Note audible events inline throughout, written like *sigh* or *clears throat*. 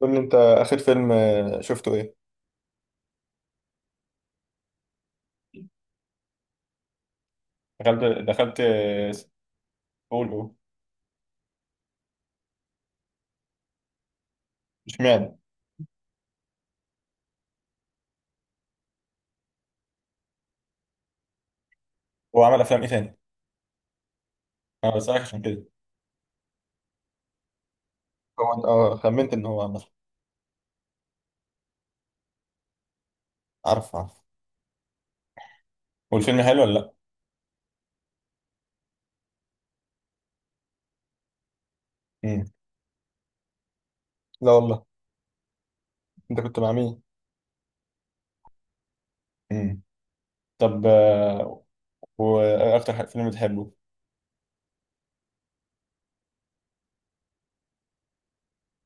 قول لي انت. اخر فيلم شفته ايه؟ دخلت دخلت قول قول. اشمعنى؟ هو عمل افلام ايه تاني؟ انا بسألك عشان كده. هو اه خمنت ان هو عمل. عارف عارف. والفيلم حلو ولا لا؟ امم. لا والله. انت كنت مع مين؟ امم. طب واكتر فيلم بتحبه؟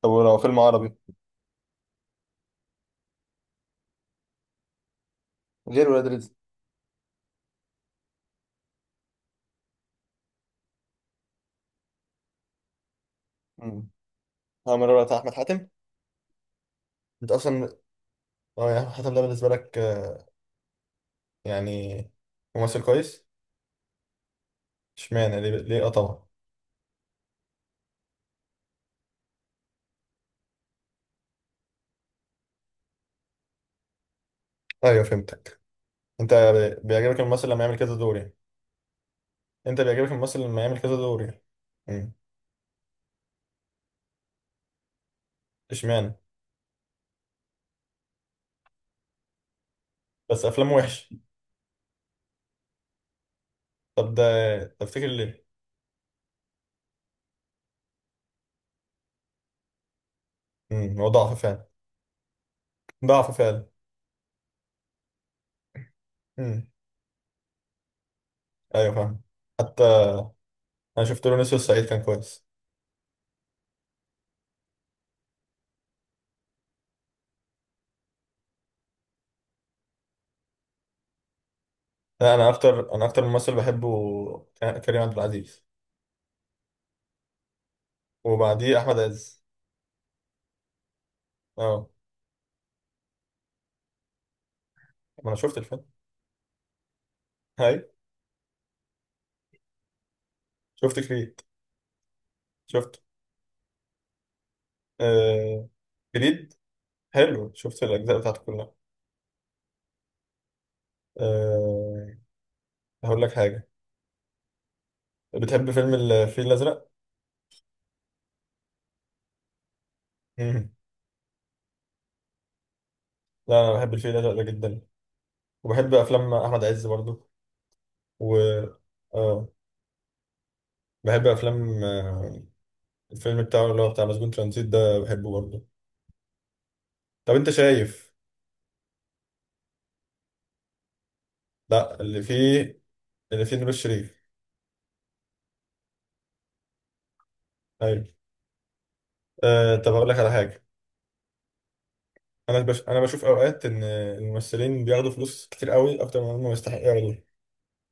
طب ولو فيلم عربي؟ غير ولاد رزق. امم. عامل الرابع بتاع احمد حاتم؟ انت اصلا. اه، يا احمد حاتم ده بالنسبه لك يعني ممثل كويس؟ اشمعنى؟ ليه ليه اه طبعا؟ ايوه فهمتك. انت بيعجبك الممثل لما يعمل كذا دور يعني؟ انت بيعجبك الممثل لما يعمل كذا دور يعني؟ امم. اشمعنى؟ بس افلامه وحش. طب ده تفتكر ليه؟ امم، هو ضعف فعلا. ضعف فعلا. امم. ايوه فاهم. حتى انا شفت له نسر الصعيد كان كويس. لا، انا اكتر، انا اكتر ممثل بحبه كريم عبد العزيز. وبعديه احمد عز. اه، ما انا شفت الفيلم. هاي. شفت كريد. شفت. آه... كريد حلو، شفت الاجزاء بتاعته كلها. آه... هقول لك حاجه. بتحب فيلم الفيل الأزرق؟ مم. لا، أنا بحب الفيل الأزرق ده جدا، وبحب أفلام أحمد عز برضو. و آه بحب أفلام الفيلم بتاعه اللي هو بتاع مسجون ترانزيت ده بحبه برضو. طب أنت شايف. لا اللي فيه، اللي فيه نور الشريف. أيوه. آه طب أقول لك على حاجة. أنا بشوف أوقات إن الممثلين بياخدوا فلوس كتير قوي أكتر من هم يستحقوا ياخدوها.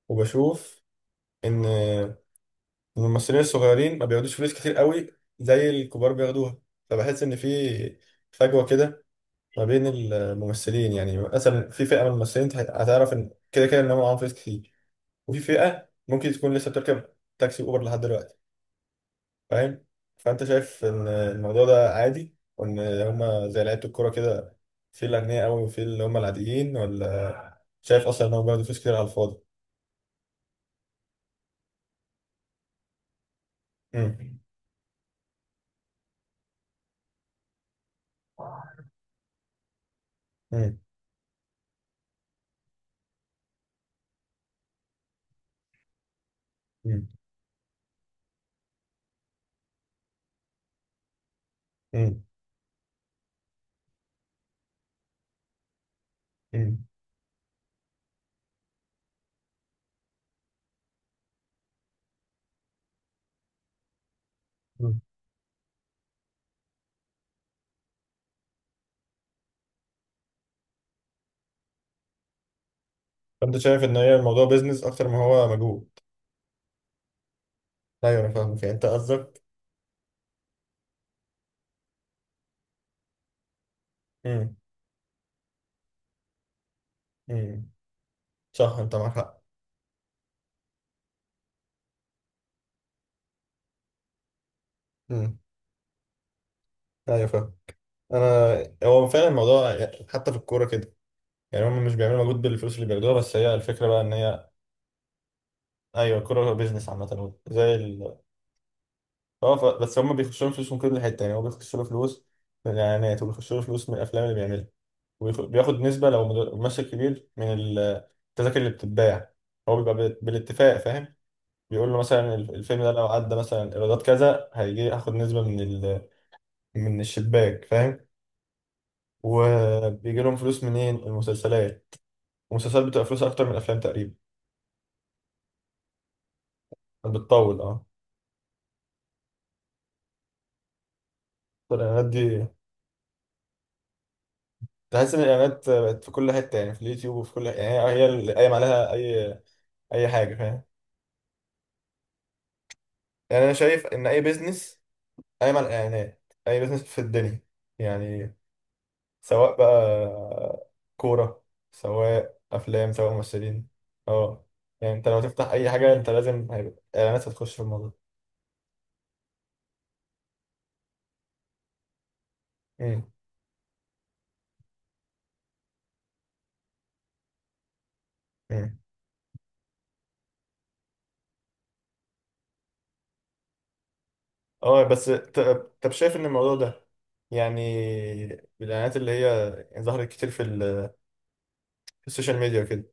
وبشوف إن الممثلين الصغيرين ما بياخدوش فلوس كتير قوي زي الكبار بياخدوها. فبحس ان في فجوه كده ما بين الممثلين، يعني مثلا في فئه من الممثلين هتعرف ان كده كده ان هم معاهم فلوس كتير، وفي فئه ممكن تكون لسه بتركب تاكسي اوبر لحد دلوقتي. فاهم؟ فانت شايف ان الموضوع ده عادي وان هم زي لعيبه الكوره كده، في الاغنياء قوي وفي اللي هم العاديين، ولا شايف اصلا ان هم بياخدوا فلوس كتير على الفاضي؟ امم. امم. امم. امم. فانت شايف ان هي الموضوع بيزنس اكتر ما هو مجهود. ايوه انا فاهمك، يعني انت قصدك. امم. امم. صح، انت معاك حق. امم. ايوه فاهم. انا هو فعلا الموضوع حتى في الكوره كده، يعني هم مش بيعملوا مجهود بالفلوس اللي بياخدوها، بس هي الفكره بقى ان هي. ايوه، الكوره بيزنس عامه زي ال. بس هم بيخشوا لهم فلوس من كل حته، يعني هو بيخشوا له فلوس من الاعلانات، وبيخشوا له فلوس من الافلام اللي بيعملها، بياخد نسبه لو ممثل كبير من التذاكر اللي بتتباع. هو بيبقى بالاتفاق، فاهم؟ بيقول له مثلا الفيلم ده لو عدى مثلا ايرادات كذا هيجي اخد نسبة من الشباك، فاهم؟ وبيجي لهم فلوس منين؟ المسلسلات. المسلسلات بتبقى فلوس اكتر من الافلام تقريبا. بتطول اه. الاعلانات دي. تحس ان الاعلانات بقت في كل حتة، يعني في اليوتيوب وفي كل، يعني هي اللي قايم عليها اي اي حاجة، فاهم؟ يعني انا شايف ان اي بيزنس قايم على الاعلانات، اي بيزنس في الدنيا يعني، سواء بقى كورة، سواء أفلام، سواء ممثلين. اه يعني انت لو تفتح أي حاجة انت لازم هيبقى إعلانات هتخش في الموضوع. امم. امم. اه بس ت- طب شايف إن الموضوع ده، يعني الإعلانات اللي هي ظهرت كتير في السوشيال ميديا وكده،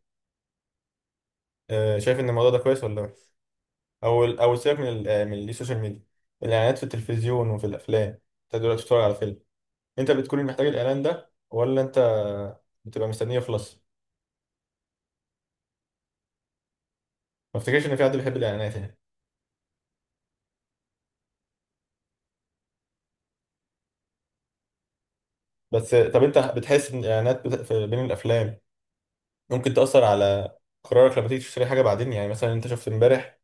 شايف إن الموضوع ده كويس ولا وحش؟ أو سيبك من السوشيال ميديا. الإعلانات في التلفزيون وفي الأفلام، انت دلوقتي بتتفرج على فيلم، انت بتكون محتاج الإعلان ده ولا انت بتبقى مستنيه يخلص؟ ما افتكرش ان في حد بيحب الاعلانات يعني. بس طب انت بتحس ان الاعلانات بين الافلام ممكن تاثر على قرارك لما تيجي تشتري حاجه بعدين، يعني مثلا انت شفت امبارح.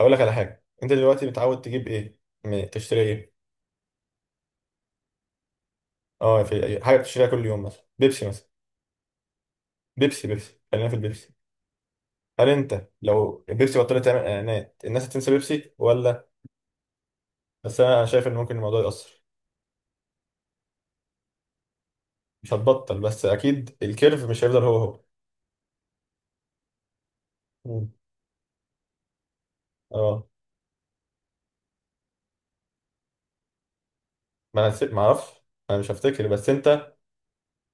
اقول لك على حاجه، انت دلوقتي متعود تجيب ايه؟ تشتري ايه؟ اه، في أي حاجه بتشتريها كل يوم مثلا، بيبسي مثلا؟ بيبسي بيبسي، خلينا في البيبسي. هل انت لو بيبسي بطلت تعمل اعلانات الناس هتنسى بيبسي ولا؟ بس انا، أنا شايف ان ممكن الموضوع ياثر. مش هتبطل، بس اكيد الكيرف مش هيفضل هو هو. مم. اه، ما اعرفش. انا مش هفتكر، بس انت.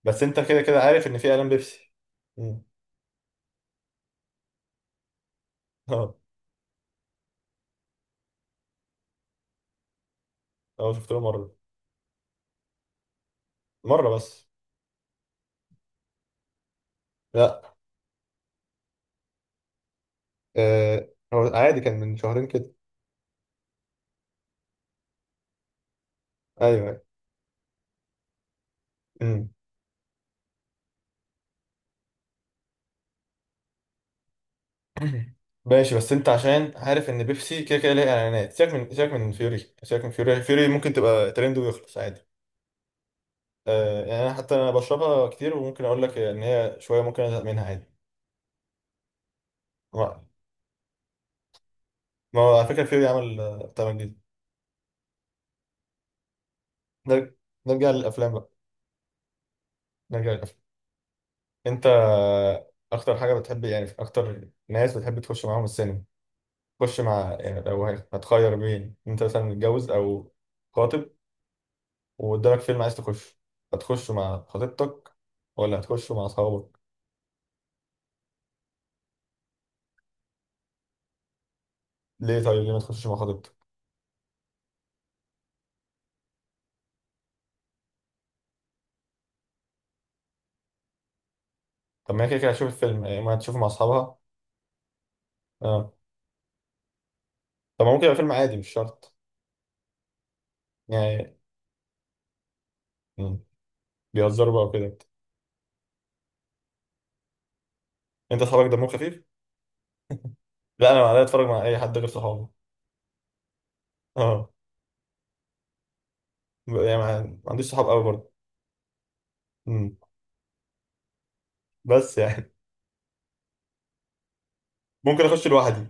بس انت كده كده عارف ان في اعلان بيبسي. مم. *laughs* اه. اه شفت له مره. مره بس. لا. آه هو عادي، كان من شهرين كده. ايوه ايوه. مم. *clears throat* ماشي، بس انت عشان عارف ان بيبسي كده كده ليها اعلانات، سيبك من، سيبك من فيوري، سيبك من فيوري، فيوري ممكن تبقى ترند ويخلص عادي. آه يعني انا حتى انا بشربها كتير، وممكن اقول لك ان هي شويه ممكن ازهق منها عادي. ما ما هو على فكره فيوري عمل بتاع جديد. نرجع، نرجع للافلام بقى. نرجع للافلام. انت اكتر حاجه بتحب، يعني اكتر ناس بتحب تخش معاهم السينما، تخش مع، يعني لو هتخير بين انت مثلا متجوز او خاطب، وقدامك فيلم عايز تخش، هتخش مع خطيبتك ولا هتخش مع اصحابك؟ ليه؟ طيب ليه ما تخشش مع خطيبتك؟ طب ما هي كده كده هتشوف الفيلم، يعني ما هتشوفه مع اصحابها. اه. طب ما ممكن يبقى فيلم عادي، مش شرط. يعني. مم. بيهزروا بقى وكده. انت اصحابك دمهم خفيف. لا، انا معايا اتفرج مع اي حد غير صحابي. اه، يعني ما عنديش صحاب قوي برضه. مم. بس يعني ممكن اخش لوحدي.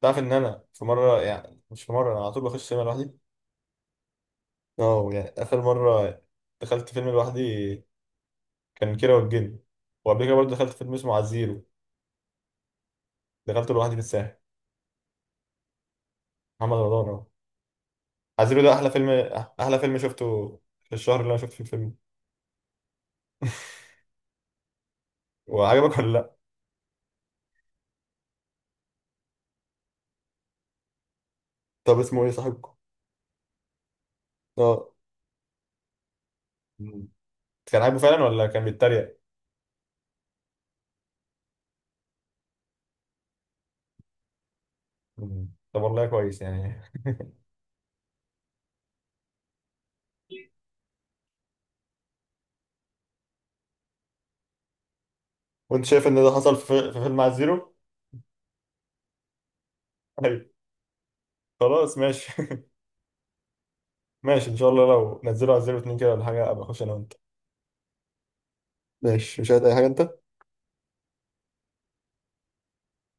تعرف ان انا في مره، يعني مش في مره، انا على طول بخش سينما لوحدي. اه، يعني اخر مره دخلت فيلم لوحدي كان كيرة والجن، وقبل كده برضه دخلت فيلم اسمه عزيرو. دخلته لوحدي في الساحل. محمد رمضان اه. عزيرو ده احلى فيلم، احلى فيلم شفته في الشهر اللي انا شفت فيه الفيلم. *laughs* وعجبك ولا لا؟ طب اسمه ايه صاحبكم؟ اه. مم. كان عاجبه فعلا ولا كان بيتريق؟ مم. طب والله كويس يعني. وانت شايف ان ده حصل في فيلم عزيرو. *laughs* ايوه. خلاص ماشي. *laughs* ماشي، ان شاء الله لو نزلوا على 02 كده ولا حاجه ابقى اخش انا وانت. ماشي. مش عايز اي حاجه انت؟